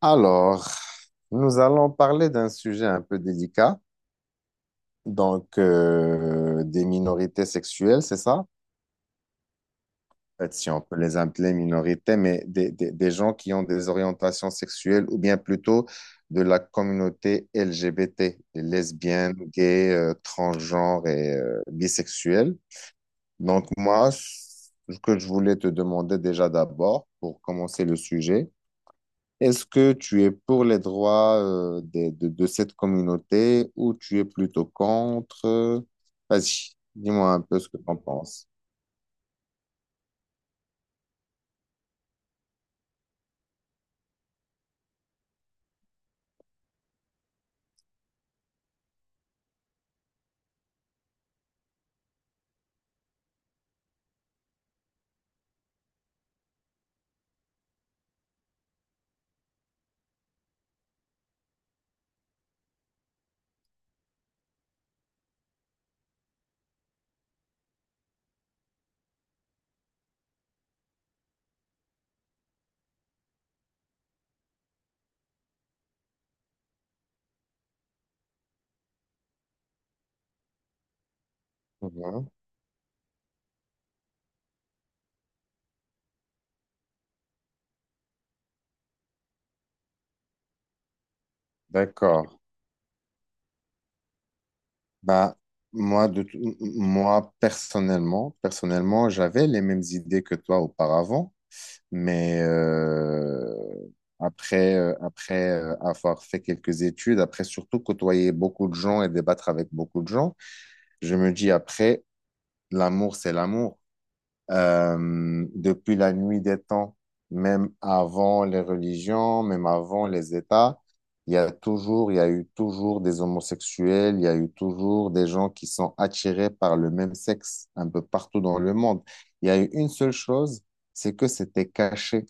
Alors, nous allons parler d'un sujet un peu délicat, donc des minorités sexuelles, c'est ça? En fait, si on peut les appeler minorités, mais des gens qui ont des orientations sexuelles ou bien plutôt de la communauté LGBT, les lesbiennes, gays, transgenres et bisexuels. Donc moi, ce que je voulais te demander déjà d'abord, pour commencer le sujet, est-ce que tu es pour les droits de cette communauté ou tu es plutôt contre? Vas-y, dis-moi un peu ce que tu en penses. Mhm. D'accord. Bah, moi, de, tout- m- m- moi, personnellement, j'avais les mêmes idées que toi auparavant, mais après, avoir fait quelques études, après surtout côtoyer beaucoup de gens et débattre avec beaucoup de gens, je me dis après, l'amour, c'est l'amour. Depuis la nuit des temps, même avant les religions, même avant les États, il y a eu toujours des homosexuels, il y a eu toujours des gens qui sont attirés par le même sexe un peu partout dans le monde. Il y a eu une seule chose, c'est que c'était caché.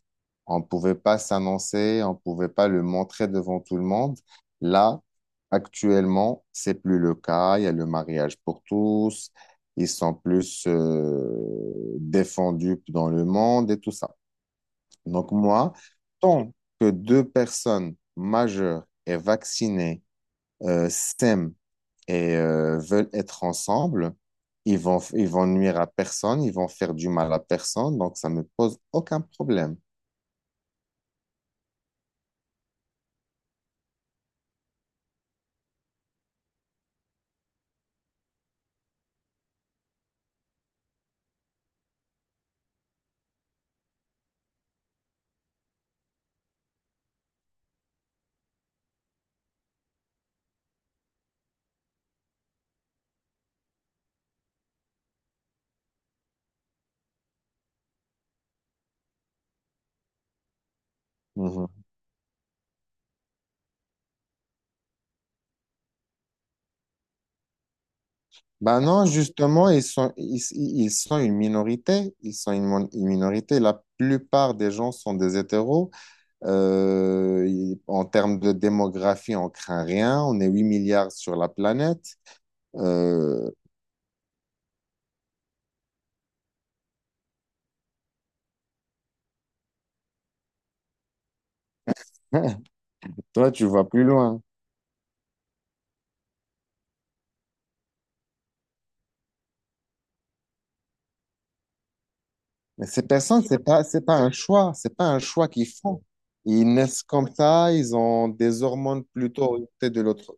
On ne pouvait pas s'annoncer, on ne pouvait pas le montrer devant tout le monde. Là, actuellement, c'est plus le cas. Il y a le mariage pour tous, ils sont plus défendus dans le monde et tout ça. Donc moi, tant que deux personnes majeures et vaccinées s'aiment et veulent être ensemble, ils vont nuire à personne, ils vont faire du mal à personne, donc ça me pose aucun problème. Mhm. Ben non, justement, ils sont une minorité. Ils sont une, mon- Une minorité. La plupart des gens sont des hétéros. En termes de démographie, on craint rien. On est 8 milliards sur la planète. Euh, Toi, tu vas plus loin. Mais ces personnes, c'est pas un choix. C'est pas un choix qu'ils font. Ils naissent comme ça. Ils ont des hormones plutôt orientées de l'autre.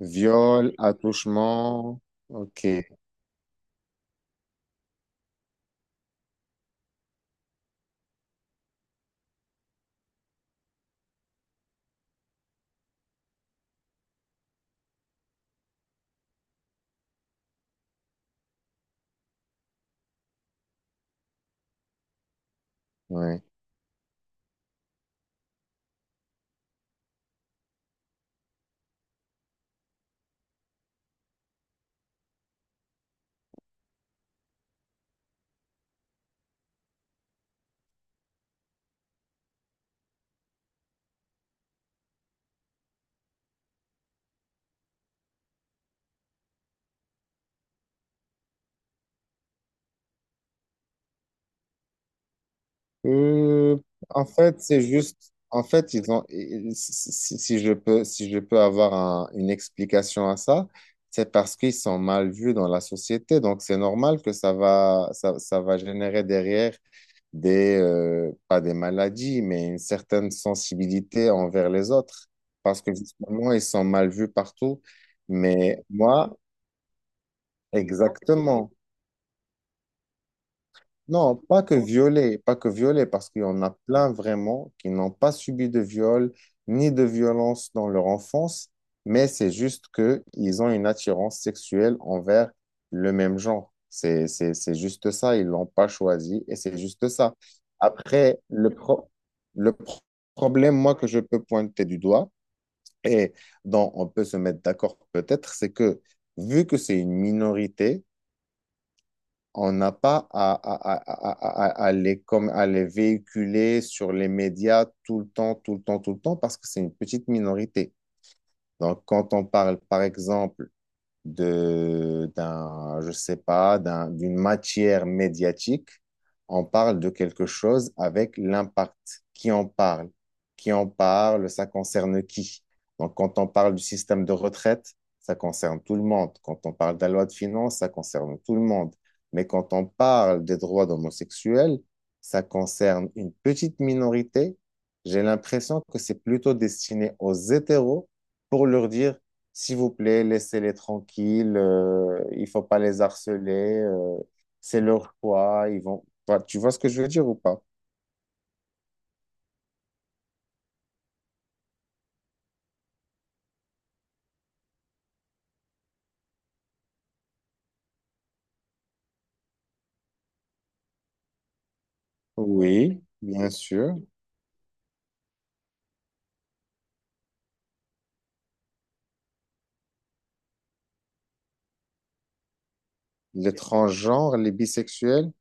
Viol, attouchement. OK. Ouais. Euh, En fait, c'est juste, en fait, ils ont, ils- si, si- si si je peux, si je peux avoir une explication à ça, c'est parce qu'ils sont mal vus dans la société. Donc, c'est normal que ça va générer derrière des, pas des maladies, mais une certaine sensibilité envers les autres. Parce que justement, ils sont mal vus partout. Mais moi, exactement. Non, pas que violer, parce qu'il y en a plein vraiment qui n'ont pas subi de viol ni de violence dans leur enfance, mais c'est juste que ils ont une attirance sexuelle envers le même genre. C'est juste ça, ils l'ont pas choisi et c'est juste ça. Après, le pro- problème, moi, que je peux pointer du doigt et dont on peut se mettre d'accord peut-être, c'est que vu que c'est une minorité, on n'a pas à les véhiculer sur les médias tout le temps, parce que c'est une petite minorité. Donc, quand on parle, par exemple, je sais pas, d'une matière médiatique, on parle de quelque chose avec l'impact. Qui en parle? Qui en parle? Ça concerne qui? Donc, quand on parle du système de retraite, ça concerne tout le monde. Quand on parle de la loi de finances, ça concerne tout le monde. Mais quand on parle des droits d'homosexuels, ça concerne une petite minorité. J'ai l'impression que c'est plutôt destiné aux hétéros pour leur dire s'il vous plaît, laissez-les tranquilles. Il faut pas les harceler. C'est leur choix. Ils vont. Enfin, tu vois ce que je veux dire ou pas? Oui, bien sûr. Les transgenres, les bisexuels,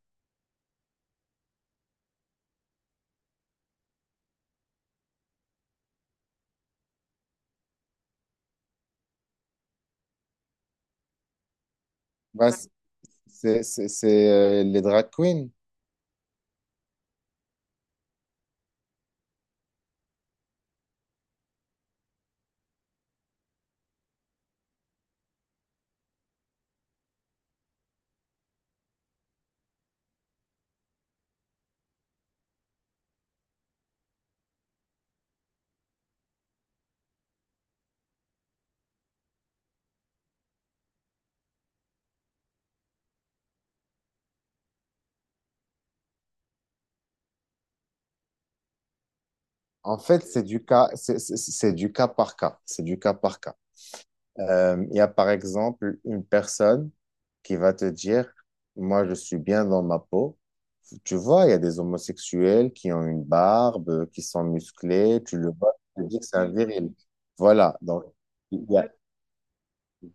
bah, c'est, les drag queens. En fait, c'est du cas par cas. C'est du cas par cas. Il y a par exemple une personne qui va te dire, moi je suis bien dans ma peau. Tu vois, il y a des homosexuels qui ont une barbe, qui sont musclés, tu le vois, tu te dis que c'est un viril. Voilà, donc il y a,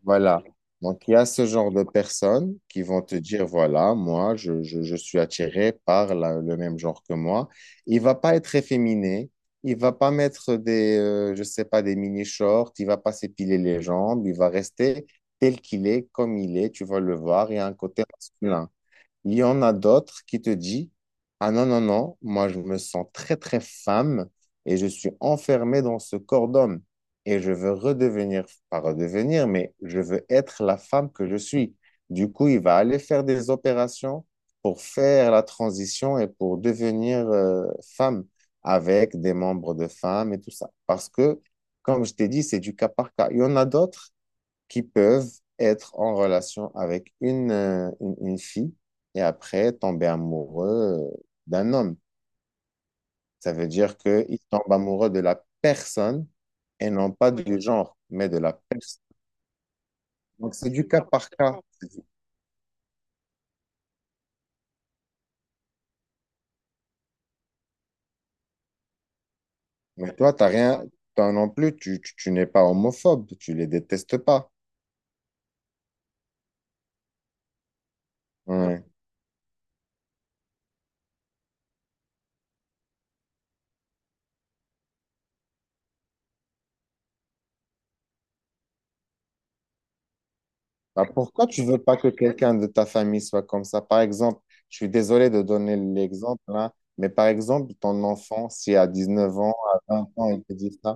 voilà. Donc, il y a ce genre de personnes qui vont te dire, voilà, moi, je suis attiré par le même genre que moi. Il va pas être efféminé. Il va pas mettre des, je sais pas, des mini-shorts. Il va pas s'épiler les jambes. Il va rester tel qu'il est, comme il est. Tu vas le voir. Il y a un côté masculin. Il y en a d'autres qui te disent, ah non, moi je me sens très femme et je suis enfermée dans ce corps d'homme et je veux redevenir, pas redevenir, mais je veux être la femme que je suis. Du coup, il va aller faire des opérations pour faire la transition et pour devenir femme avec des membres de femme et tout ça. Parce que, comme je t'ai dit, c'est du cas par cas. Il y en a d'autres qui peuvent être en relation avec une fille et après tomber amoureux d'un homme. Ça veut dire qu'ils tombent amoureux de la personne et non pas oui, du genre, mais de la personne. Donc c'est du cas par cas. Mais toi, t'as rien, toi non plus, tu n'es pas homophobe, tu les détestes pas. Ouais. Bah, pourquoi tu veux pas que quelqu'un de ta famille soit comme ça? Par exemple, je suis désolé de donner l'exemple là, mais par exemple, ton enfant, si à 19 ans, à 20 ans, il te dit ça,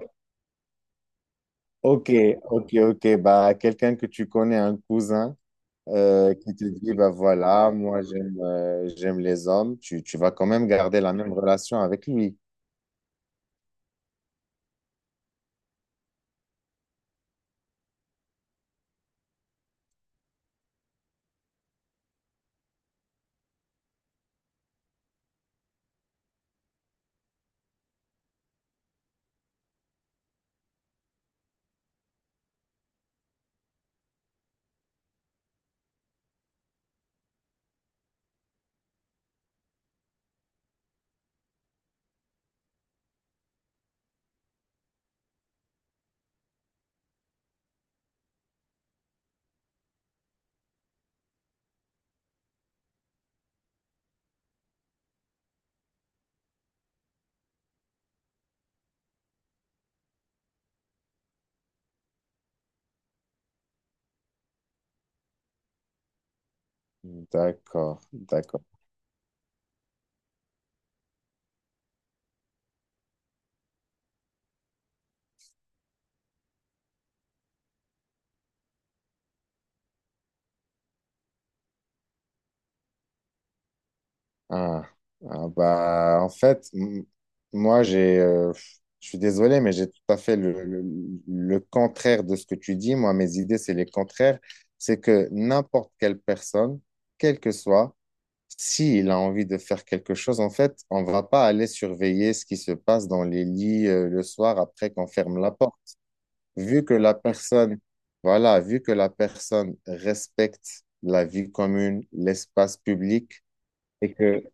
ok, ok, bah, quelqu'un que tu connais, un cousin, qui te dit, bah voilà, moi j'aime j'aime les hommes, tu vas quand même garder la même relation avec lui. D'accord, d'accord. Ah, ah, bah, en fait, moi, je suis désolé, mais j'ai tout à fait le contraire de ce que tu dis. Moi, mes idées, c'est les contraires. C'est que n'importe quelle personne, quel que soit, s'il a envie de faire quelque chose, en fait, on va pas aller surveiller ce qui se passe dans les lits, le soir après qu'on ferme la porte. Vu que la personne, Voilà, vu que la personne respecte la vie commune, l'espace public, et que,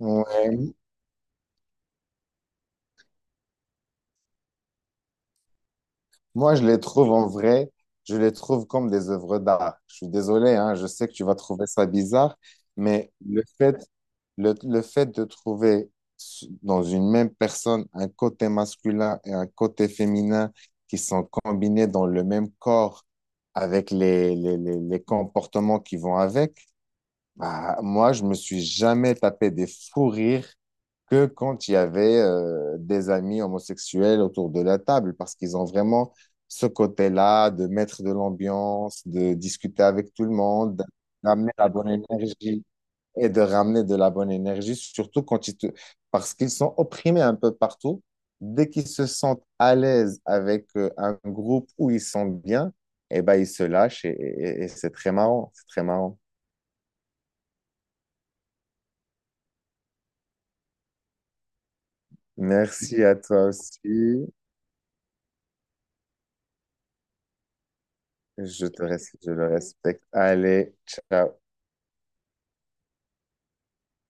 ouais. Moi, je les trouve en vrai, je les trouve comme des œuvres d'art. Je suis désolé, hein, je sais que tu vas trouver ça bizarre, mais le fait de trouver dans une même personne un côté masculin et un côté féminin qui sont combinés dans le même corps avec les comportements qui vont avec, bah, moi, je me suis jamais tapé des fous rires que quand il y avait des amis homosexuels autour de la table, parce qu'ils ont vraiment ce côté-là de mettre de l'ambiance, de discuter avec tout le monde, d'amener la bonne énergie et de ramener de la bonne énergie, surtout quand ils te... parce qu'ils sont opprimés un peu partout. Dès qu'ils se sentent à l'aise avec un groupe où ils sont bien, eh ben, ils se lâchent et c'est très marrant, c'est très marrant. Merci à toi aussi. Je le respecte. Allez, ciao.